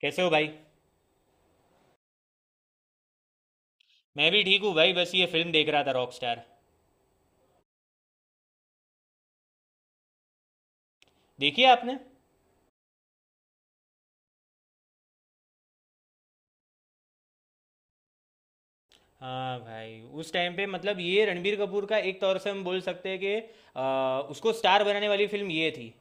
कैसे हो भाई। मैं भी ठीक हूँ भाई, बस ये फिल्म देख रहा था, रॉक स्टार। देखी है आपने? हाँ भाई, उस टाइम पे मतलब ये रणबीर कपूर का एक तौर से हम बोल सकते हैं कि उसको स्टार बनाने वाली फिल्म ये थी।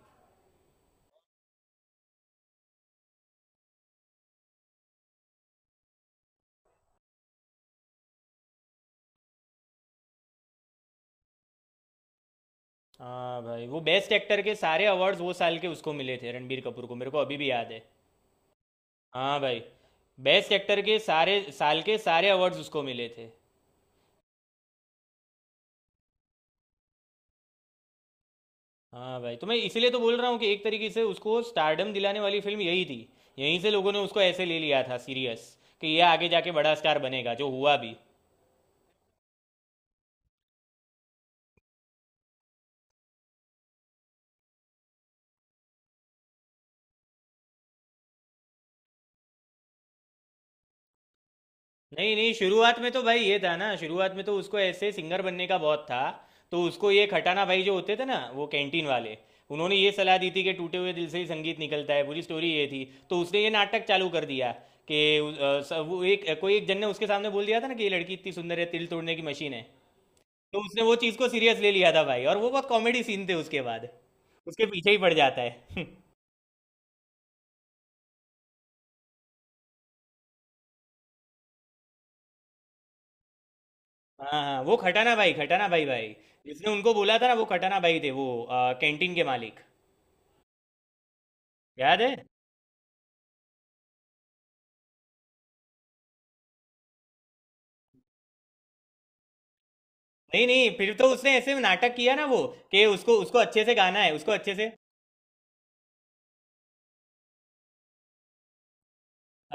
हाँ भाई, वो बेस्ट एक्टर के सारे अवार्ड्स वो साल के उसको मिले थे रणबीर कपूर को, मेरे को अभी भी याद है। हाँ भाई, बेस्ट एक्टर के सारे साल के सारे अवार्ड्स उसको मिले थे। हाँ भाई, तो मैं इसीलिए तो बोल रहा हूँ कि एक तरीके से उसको स्टारडम दिलाने वाली फिल्म यही थी। यहीं से लोगों ने उसको ऐसे ले लिया था सीरियस, कि ये आगे जाके बड़ा स्टार बनेगा, जो हुआ भी। नहीं नहीं, शुरुआत में तो भाई ये था ना, शुरुआत में तो उसको ऐसे सिंगर बनने का बहुत था। तो उसको ये खटाना भाई जो होते थे ना, वो कैंटीन वाले। उन्होंने ये सलाह दी थी कि टूटे हुए दिल से ही संगीत निकलता है, पूरी स्टोरी ये थी। तो उसने ये नाटक चालू कर दिया कि वो एक कोई एक जन ने उसके सामने बोल दिया था ना कि ये लड़की इतनी सुंदर है, तिल तोड़ने की मशीन है। तो उसने वो चीज़ को सीरियस ले लिया था भाई, और वो बहुत कॉमेडी सीन थे उसके बाद। उसके पीछे ही पड़ जाता है। हाँ हाँ, वो खटाना भाई, खटाना भाई भाई। जिसने उनको बोला था ना वो खटाना भाई थे, वो कैंटीन के मालिक। याद है? नहीं नहीं, फिर तो उसने ऐसे नाटक किया ना वो, कि उसको उसको अच्छे से गाना है, उसको अच्छे से।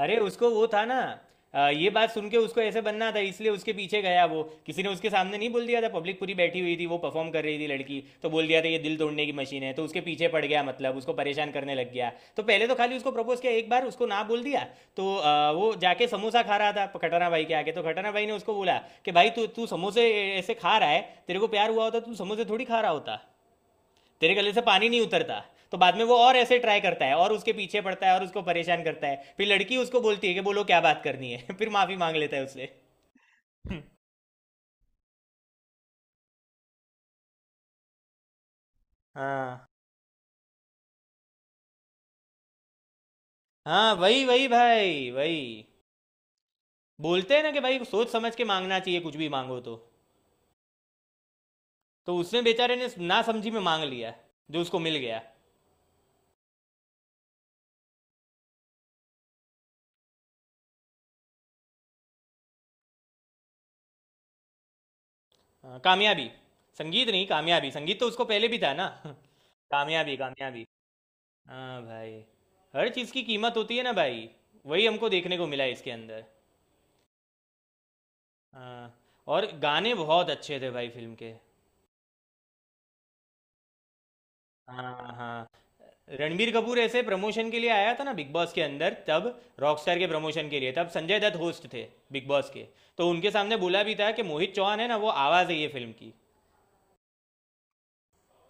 अरे उसको वो था ना, ये बात सुन के उसको ऐसे बनना था इसलिए उसके पीछे गया वो। किसी ने उसके सामने नहीं बोल दिया था, पब्लिक पूरी बैठी हुई थी, वो परफॉर्म कर रही थी लड़की, तो बोल दिया था ये दिल तोड़ने की मशीन है, तो उसके पीछे पड़ गया, मतलब उसको परेशान करने लग गया। तो पहले तो खाली उसको प्रपोज किया, एक बार उसको ना बोल दिया। तो वो जाके समोसा खा रहा था खटाना भाई के आगे, तो खटाना भाई ने उसको बोला कि भाई तू तू समोसे ऐसे खा रहा है, तेरे को प्यार हुआ होता तो तू समोसे थोड़ी खा रहा होता, तेरे गले से पानी नहीं उतरता। तो बाद में वो और ऐसे ट्राई करता है और उसके पीछे पड़ता है और उसको परेशान करता है, फिर लड़की उसको बोलती है कि बोलो क्या बात करनी है। फिर माफी मांग लेता है उससे। हाँ हाँ, वही वही भाई, वही। बोलते हैं ना कि भाई सोच समझ के मांगना चाहिए, कुछ भी मांगो तो। तो उसने बेचारे ने ना समझी में मांग लिया, जो उसको मिल गया। हाँ, कामयाबी। संगीत नहीं कामयाबी, संगीत तो उसको पहले भी था ना। कामयाबी कामयाबी। हाँ भाई, हर चीज़ की कीमत होती है ना भाई, वही हमको देखने को मिला इसके अंदर। हाँ, और गाने बहुत अच्छे थे भाई फिल्म के। हाँ हाँ, रणबीर कपूर ऐसे प्रमोशन के लिए आया था ना बिग बॉस के अंदर तब, रॉकस्टार के प्रमोशन के लिए, तब संजय दत्त होस्ट थे बिग बॉस के। तो उनके सामने बोला भी था कि मोहित चौहान है ना, वो आवाज़ है ये फिल्म की।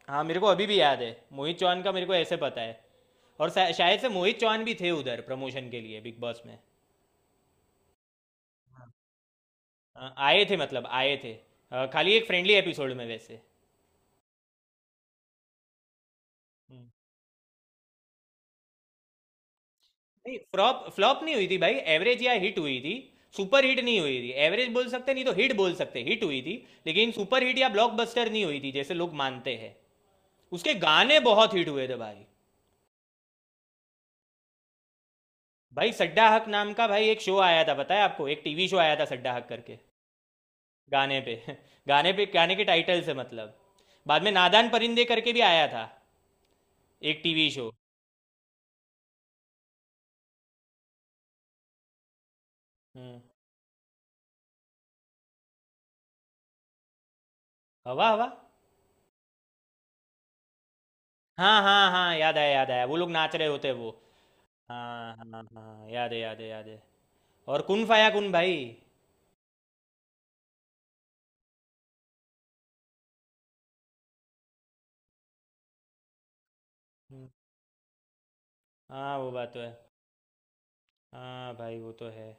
हाँ, मेरे को अभी भी याद है, मोहित चौहान का मेरे को ऐसे पता है। और शायद से मोहित चौहान भी थे उधर प्रमोशन के लिए बिग बॉस में। आए थे, मतलब आए थे खाली एक फ्रेंडली एपिसोड में वैसे। नहीं, फ्लॉप फ्लॉप नहीं हुई थी भाई, एवरेज या हिट हुई थी। सुपर हिट नहीं हुई थी, एवरेज बोल सकते, नहीं तो हिट बोल सकते, हिट हुई थी। लेकिन सुपर हिट या ब्लॉकबस्टर नहीं हुई थी जैसे लोग मानते हैं। उसके गाने बहुत हिट हुए थे भाई। भाई सड्डा हक नाम का भाई एक शो आया था, पता है आपको, एक टीवी शो आया था सड्डा हक करके, गाने पे। गाने पे, गाने के टाइटल से मतलब। बाद में नादान परिंदे करके भी आया था एक टीवी शो। हम्म। हवा हवा। हाँ हाँ हाँ, याद आया याद आया, वो लोग नाच रहे होते हैं वो। हाँ हाँ हाँ, याद है याद है याद है। और कुन फाया कुन भाई। हाँ वो बात तो है। हाँ भाई वो तो है।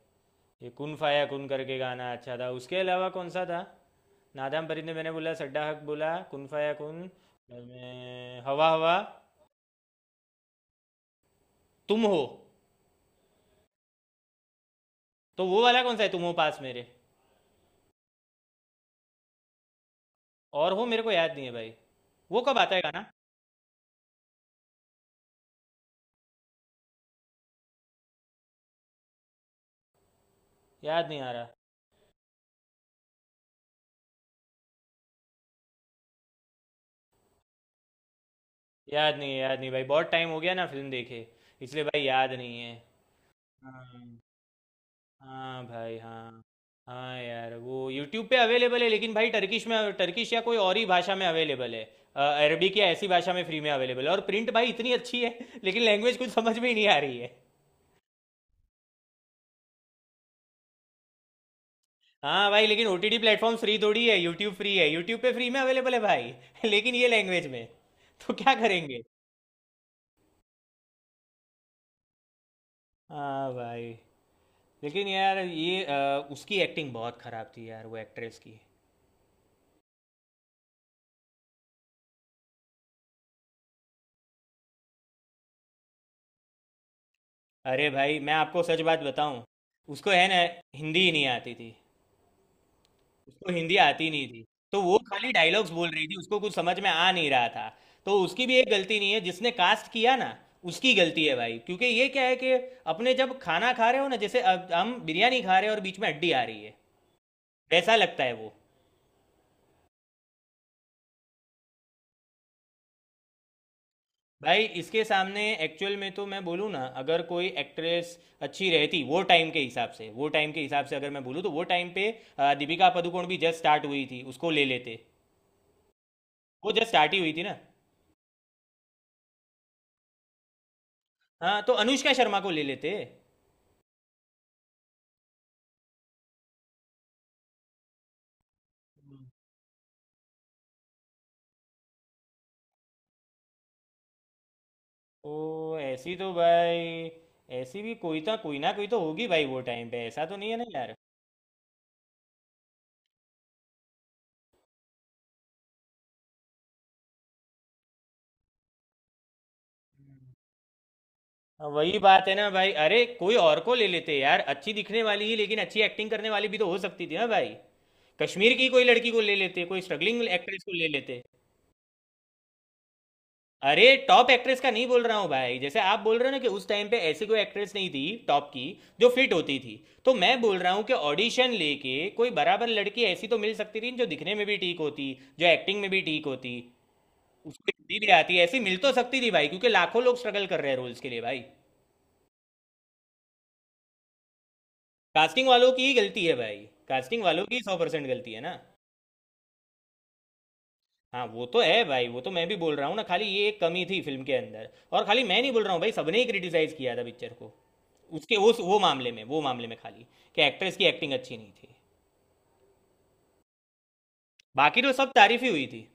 ये कुन फाया कुन करके गाना अच्छा था, उसके अलावा कौन सा था? नादाम फरीद ने, मैंने बोला सड्डा हक, बोला कुन फाया कुन, बाद में हवा हवा, तुम हो। तो वो वाला कौन सा है, तुम हो पास मेरे? और हो मेरे को याद नहीं है भाई, वो कब आता है गाना? याद नहीं आ रहा, याद नहीं है, याद नहीं भाई, बहुत टाइम हो गया ना फिल्म देखे, इसलिए भाई याद नहीं है। हाँ, हाँ भाई, हाँ। हाँ यार, वो यूट्यूब पे अवेलेबल है, लेकिन भाई टर्किश में, टर्किश या कोई और ही भाषा में अवेलेबल है, अरबिक या ऐसी भाषा में फ्री में अवेलेबल है, और प्रिंट भाई इतनी अच्छी है। लेकिन लैंग्वेज कुछ समझ में ही नहीं आ रही है। हाँ भाई, लेकिन ओटीटी प्लेटफॉर्म फ्री थोड़ी है, यूट्यूब फ्री है, यूट्यूब पे फ्री में अवेलेबल है भाई। लेकिन ये लैंग्वेज में तो क्या करेंगे? हाँ भाई। लेकिन यार ये उसकी एक्टिंग बहुत खराब थी यार, वो एक्ट्रेस की। अरे भाई, मैं आपको सच बात बताऊं, उसको है ना, हिंदी ही नहीं आती थी। उसको हिंदी आती नहीं थी, तो वो खाली डायलॉग्स बोल रही थी, उसको कुछ समझ में आ नहीं रहा था। तो उसकी भी एक गलती नहीं है, जिसने कास्ट किया ना उसकी गलती है भाई, क्योंकि ये क्या है कि अपने जब खाना खा रहे हो ना, जैसे अब हम बिरयानी खा रहे हैं और बीच में हड्डी आ रही है, वैसा लगता है वो। भाई इसके सामने एक्चुअल में तो, मैं बोलूँ ना, अगर कोई एक्ट्रेस अच्छी रहती वो टाइम के हिसाब से, वो टाइम के हिसाब से अगर मैं बोलूँ तो वो टाइम पे दीपिका पादुकोण भी जस्ट स्टार्ट हुई थी, उसको ले लेते। वो जस्ट स्टार्ट ही हुई थी ना। हाँ तो अनुष्का शर्मा को ले लेते। ओ ऐसी तो भाई, ऐसी भी कोई तो, कोई ना कोई तो होगी भाई वो टाइम पे, ऐसा तो नहीं है ना यार। हाँ, वही बात है ना भाई, अरे कोई और को ले लेते यार, अच्छी दिखने वाली ही, लेकिन अच्छी एक्टिंग करने वाली भी तो हो सकती थी ना भाई। कश्मीर की कोई लड़की को ले लेते, कोई स्ट्रगलिंग एक्ट्रेस को ले लेते। अरे टॉप एक्ट्रेस का नहीं बोल रहा हूँ भाई, जैसे आप बोल रहे हो ना कि उस टाइम पे ऐसी कोई एक्ट्रेस नहीं थी टॉप की जो फिट होती थी, तो मैं बोल रहा हूँ कि ऑडिशन लेके कोई बराबर लड़की ऐसी तो मिल सकती थी, जो दिखने में भी ठीक होती, जो एक्टिंग में भी ठीक होती, उसको हिंदी भी आती है, ऐसी मिल तो सकती थी भाई, क्योंकि लाखों लोग स्ट्रगल कर रहे हैं रोल्स के लिए भाई। कास्टिंग वालों की ही गलती है भाई, कास्टिंग वालों की 100% गलती है ना। हाँ वो तो है भाई, वो तो मैं भी बोल रहा हूँ ना, खाली ये एक कमी थी फिल्म के अंदर, और खाली मैं नहीं बोल रहा हूँ भाई, सबने ही क्रिटिसाइज किया था पिक्चर को, उसके उस वो मामले में, वो मामले में, खाली कि एक्ट्रेस की एक्टिंग अच्छी नहीं थी, बाकी तो सब तारीफ ही हुई थी।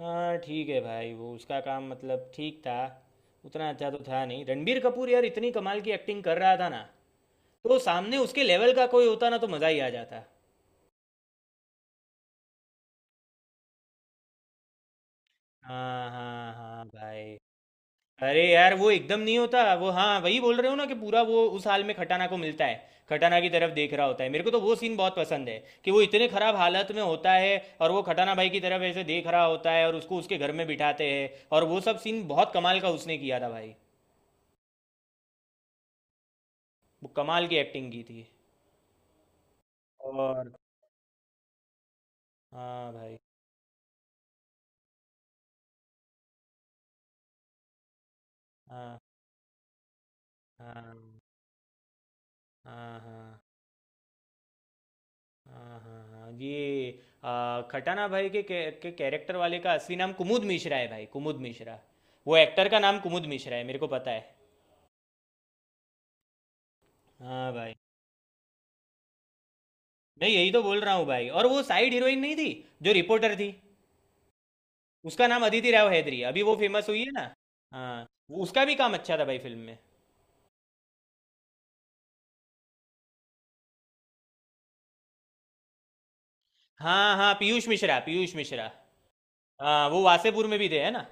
हाँ ठीक है भाई, वो उसका काम मतलब ठीक था, उतना अच्छा तो था नहीं, रणबीर कपूर यार इतनी कमाल की एक्टिंग कर रहा था ना, तो सामने उसके लेवल का कोई होता ना तो मजा ही आ जाता। हाँ हाँ हाँ भाई। अरे यार वो एकदम नहीं होता वो, हाँ वही बोल रहे हो ना, कि पूरा वो उस हाल में खटाना को मिलता है, खटाना की तरफ देख रहा होता है, मेरे को तो वो सीन बहुत पसंद है, कि वो इतने खराब हालत में होता है और वो खटाना भाई की तरफ ऐसे देख रहा होता है और उसको उसके घर में बिठाते हैं, और वो सब सीन बहुत कमाल का उसने किया था भाई, वो कमाल की एक्टिंग की थी। और हाँ भाई। हाँ हाँ हाँ हाँ हाँ हाँ हाँ, ये खटाना भाई के कैरेक्टर वाले का असली नाम कुमुद मिश्रा है भाई, कुमुद मिश्रा। वो एक्टर का नाम कुमुद मिश्रा है, मेरे को पता है। हाँ भाई, मैं यही तो बोल रहा हूँ भाई। और वो साइड हीरोइन नहीं थी जो रिपोर्टर थी, उसका नाम अदिति राव हैदरी, अभी वो फेमस हुई है ना। हाँ, उसका भी काम अच्छा था भाई फिल्म में। हाँ हाँ, पीयूष मिश्रा, पीयूष मिश्रा। हाँ, वो वासेपुर में भी थे है ना।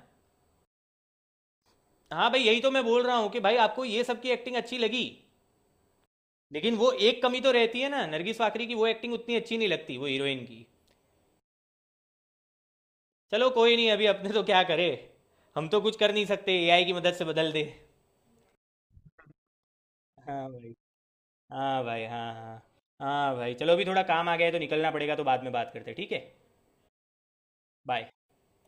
हाँ भाई, यही तो मैं बोल रहा हूँ कि भाई आपको ये सब की एक्टिंग अच्छी लगी, लेकिन वो एक कमी तो रहती है ना, नरगिस फाकरी की वो एक्टिंग उतनी अच्छी नहीं लगती, वो हीरोइन की। चलो कोई नहीं, अभी अपने तो क्या करे, हम तो कुछ कर नहीं सकते, एआई की मदद से बदल दे। हाँ भाई, हाँ भाई, हाँ हाँ। हाँ भाई, चलो अभी थोड़ा काम आ गया है तो निकलना पड़ेगा, तो बाद में बात करते हैं, ठीक है। बाय।